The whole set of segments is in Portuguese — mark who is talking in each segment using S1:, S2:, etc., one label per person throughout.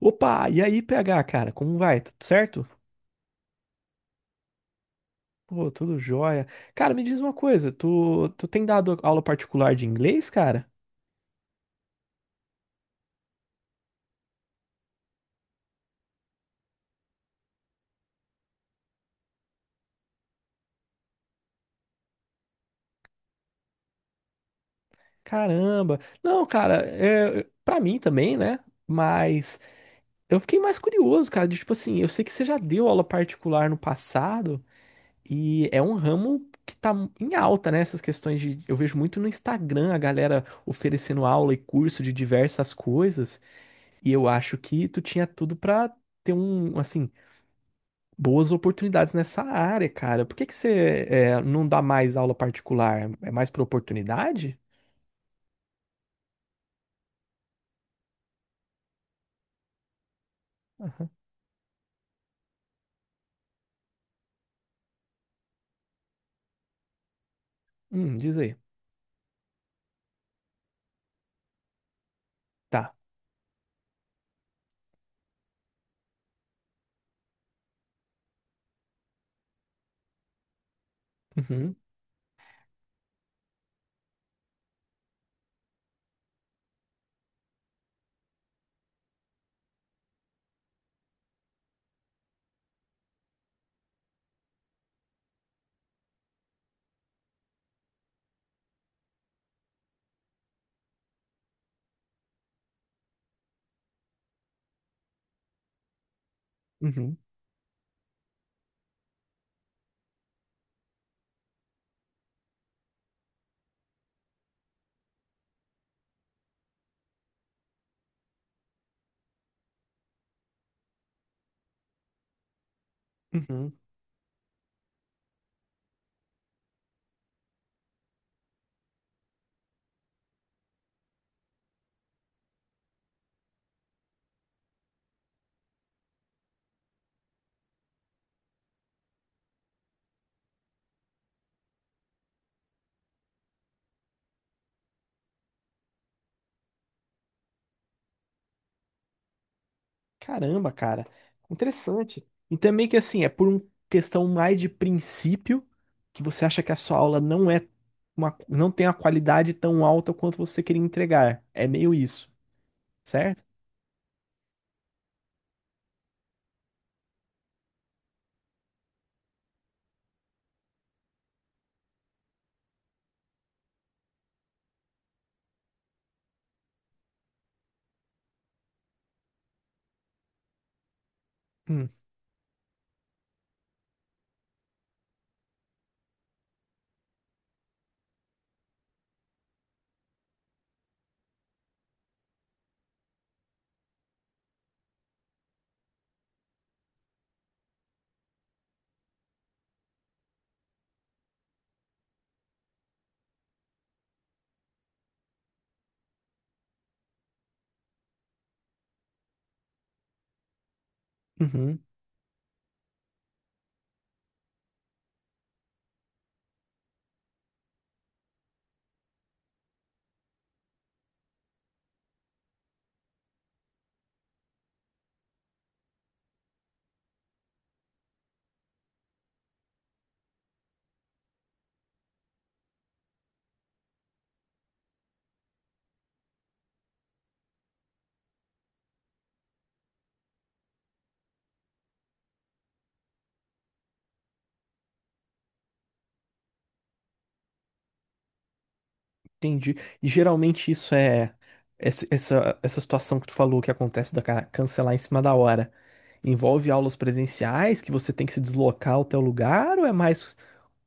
S1: Opa, e aí, PH, cara, como vai? Tudo certo? Pô, tudo jóia. Cara, me diz uma coisa, tu tem dado aula particular de inglês, cara? Caramba. Não, cara, é, pra mim também, né? Mas eu fiquei mais curioso, cara, de tipo assim, eu sei que você já deu aula particular no passado e é um ramo que tá em alta, né? Essas questões de. Eu vejo muito no Instagram a galera oferecendo aula e curso de diversas coisas e eu acho que tu tinha tudo pra ter um, assim, boas oportunidades nessa área, cara. Por que que você é, não dá mais aula particular? É mais por oportunidade? Aham. Diz aí. Tá. Uhum, uhum, uhum. Caramba, cara. Interessante. E também que assim, é por uma questão mais de princípio que você acha que a sua aula não é uma, não tem a qualidade tão alta quanto você queria entregar. É meio isso, certo? Hum, uhum. Entendi. E geralmente isso é essa situação que tu falou que acontece da ca- cancelar em cima da hora. Envolve aulas presenciais que você tem que se deslocar ao teu lugar ou é mais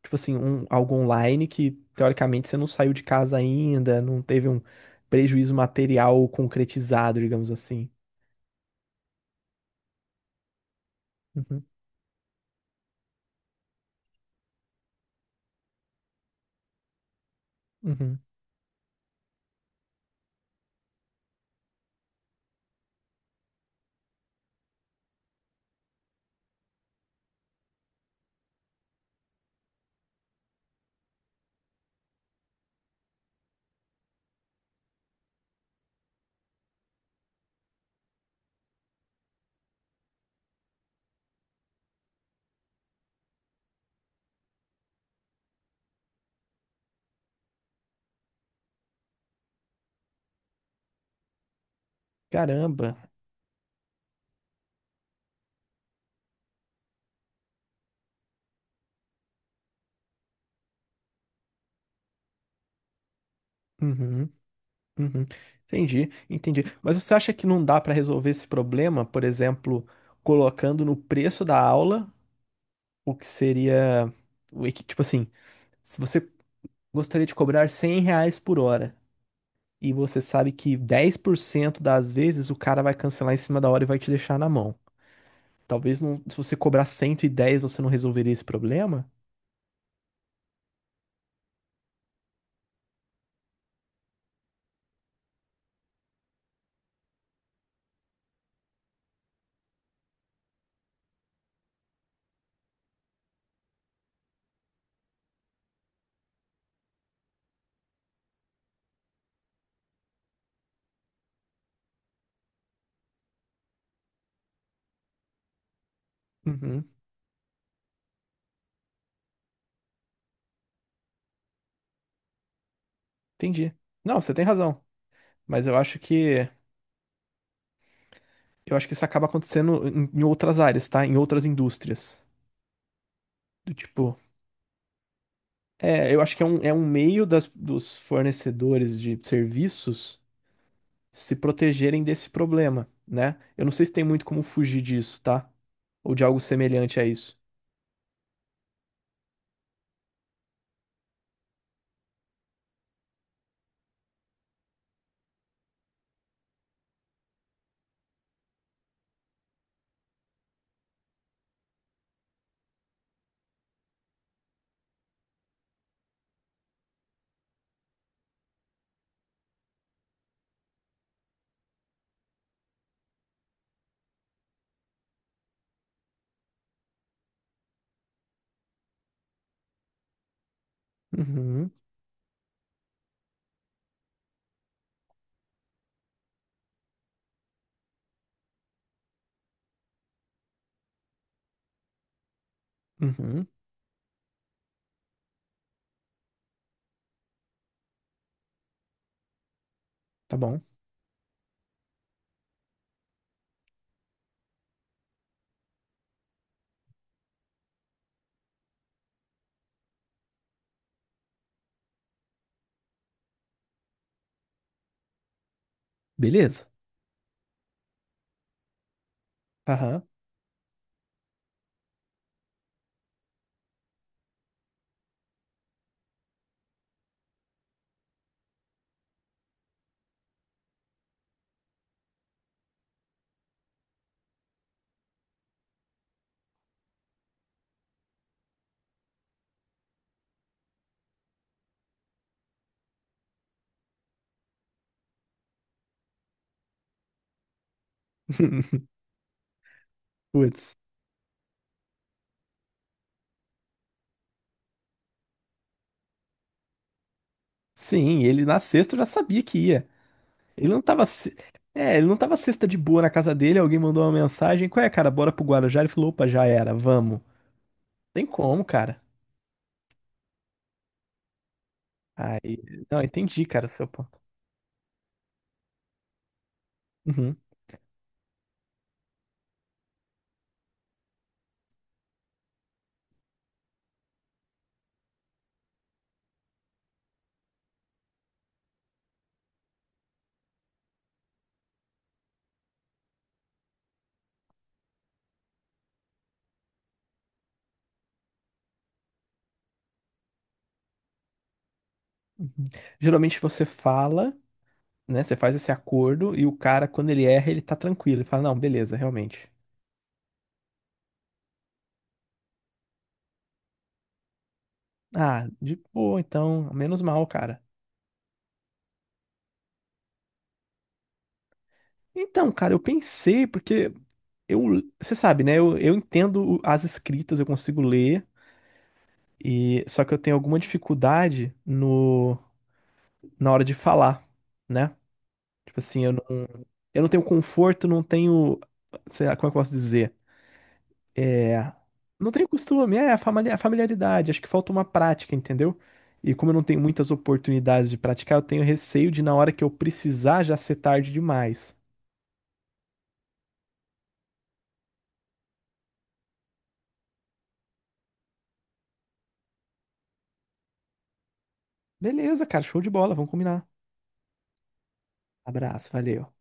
S1: tipo assim, um, algo online que teoricamente você não saiu de casa ainda, não teve um prejuízo material concretizado, digamos assim. Uhum, uhum. Caramba. Uhum, uhum. Entendi, entendi. Mas você acha que não dá para resolver esse problema, por exemplo, colocando no preço da aula o que seria o equi- tipo assim, se você gostaria de cobrar R$ 100 por hora e você sabe que 10% das vezes o cara vai cancelar em cima da hora e vai te deixar na mão. Talvez não, se você cobrar 110 você não resolveria esse problema? Uhum, entendi. Não, você tem razão, mas eu acho que isso acaba acontecendo em outras áreas, tá? Em outras indústrias. Do tipo, é, eu acho que é um meio das, dos fornecedores de serviços se protegerem desse problema, né? Eu não sei se tem muito como fugir disso, tá? Ou de algo semelhante a isso. Uhum, uhum, tá bom. Beleza. Aham. Putz. Sim, ele na sexta eu já sabia que ia. Ele não tava. Se- é, ele não tava sexta de boa na casa dele, alguém mandou uma mensagem. Qual é, cara? Bora pro Guarujá? Ele falou, opa, já era, vamos. Tem como, cara. Aí. Não, entendi, cara, o seu ponto. Uhum. Geralmente você fala, né? Você faz esse acordo e o cara, quando ele erra, ele tá tranquilo. Ele fala, não, beleza, realmente. Ah, de boa, então, menos mal, cara. Então, cara, eu pensei, porque eu, você sabe, né? Eu entendo o- as escritas, eu consigo ler, e só que eu tenho alguma dificuldade no, na hora de falar, né? Tipo assim, eu não tenho conforto, não tenho, sei lá, como é que eu posso dizer? É, não tenho costume, é a famali- a familiaridade. Acho que falta uma prática, entendeu? E como eu não tenho muitas oportunidades de praticar, eu tenho receio de na hora que eu precisar já ser tarde demais. Beleza, cara, show de bola, vamos combinar. Abraço, valeu.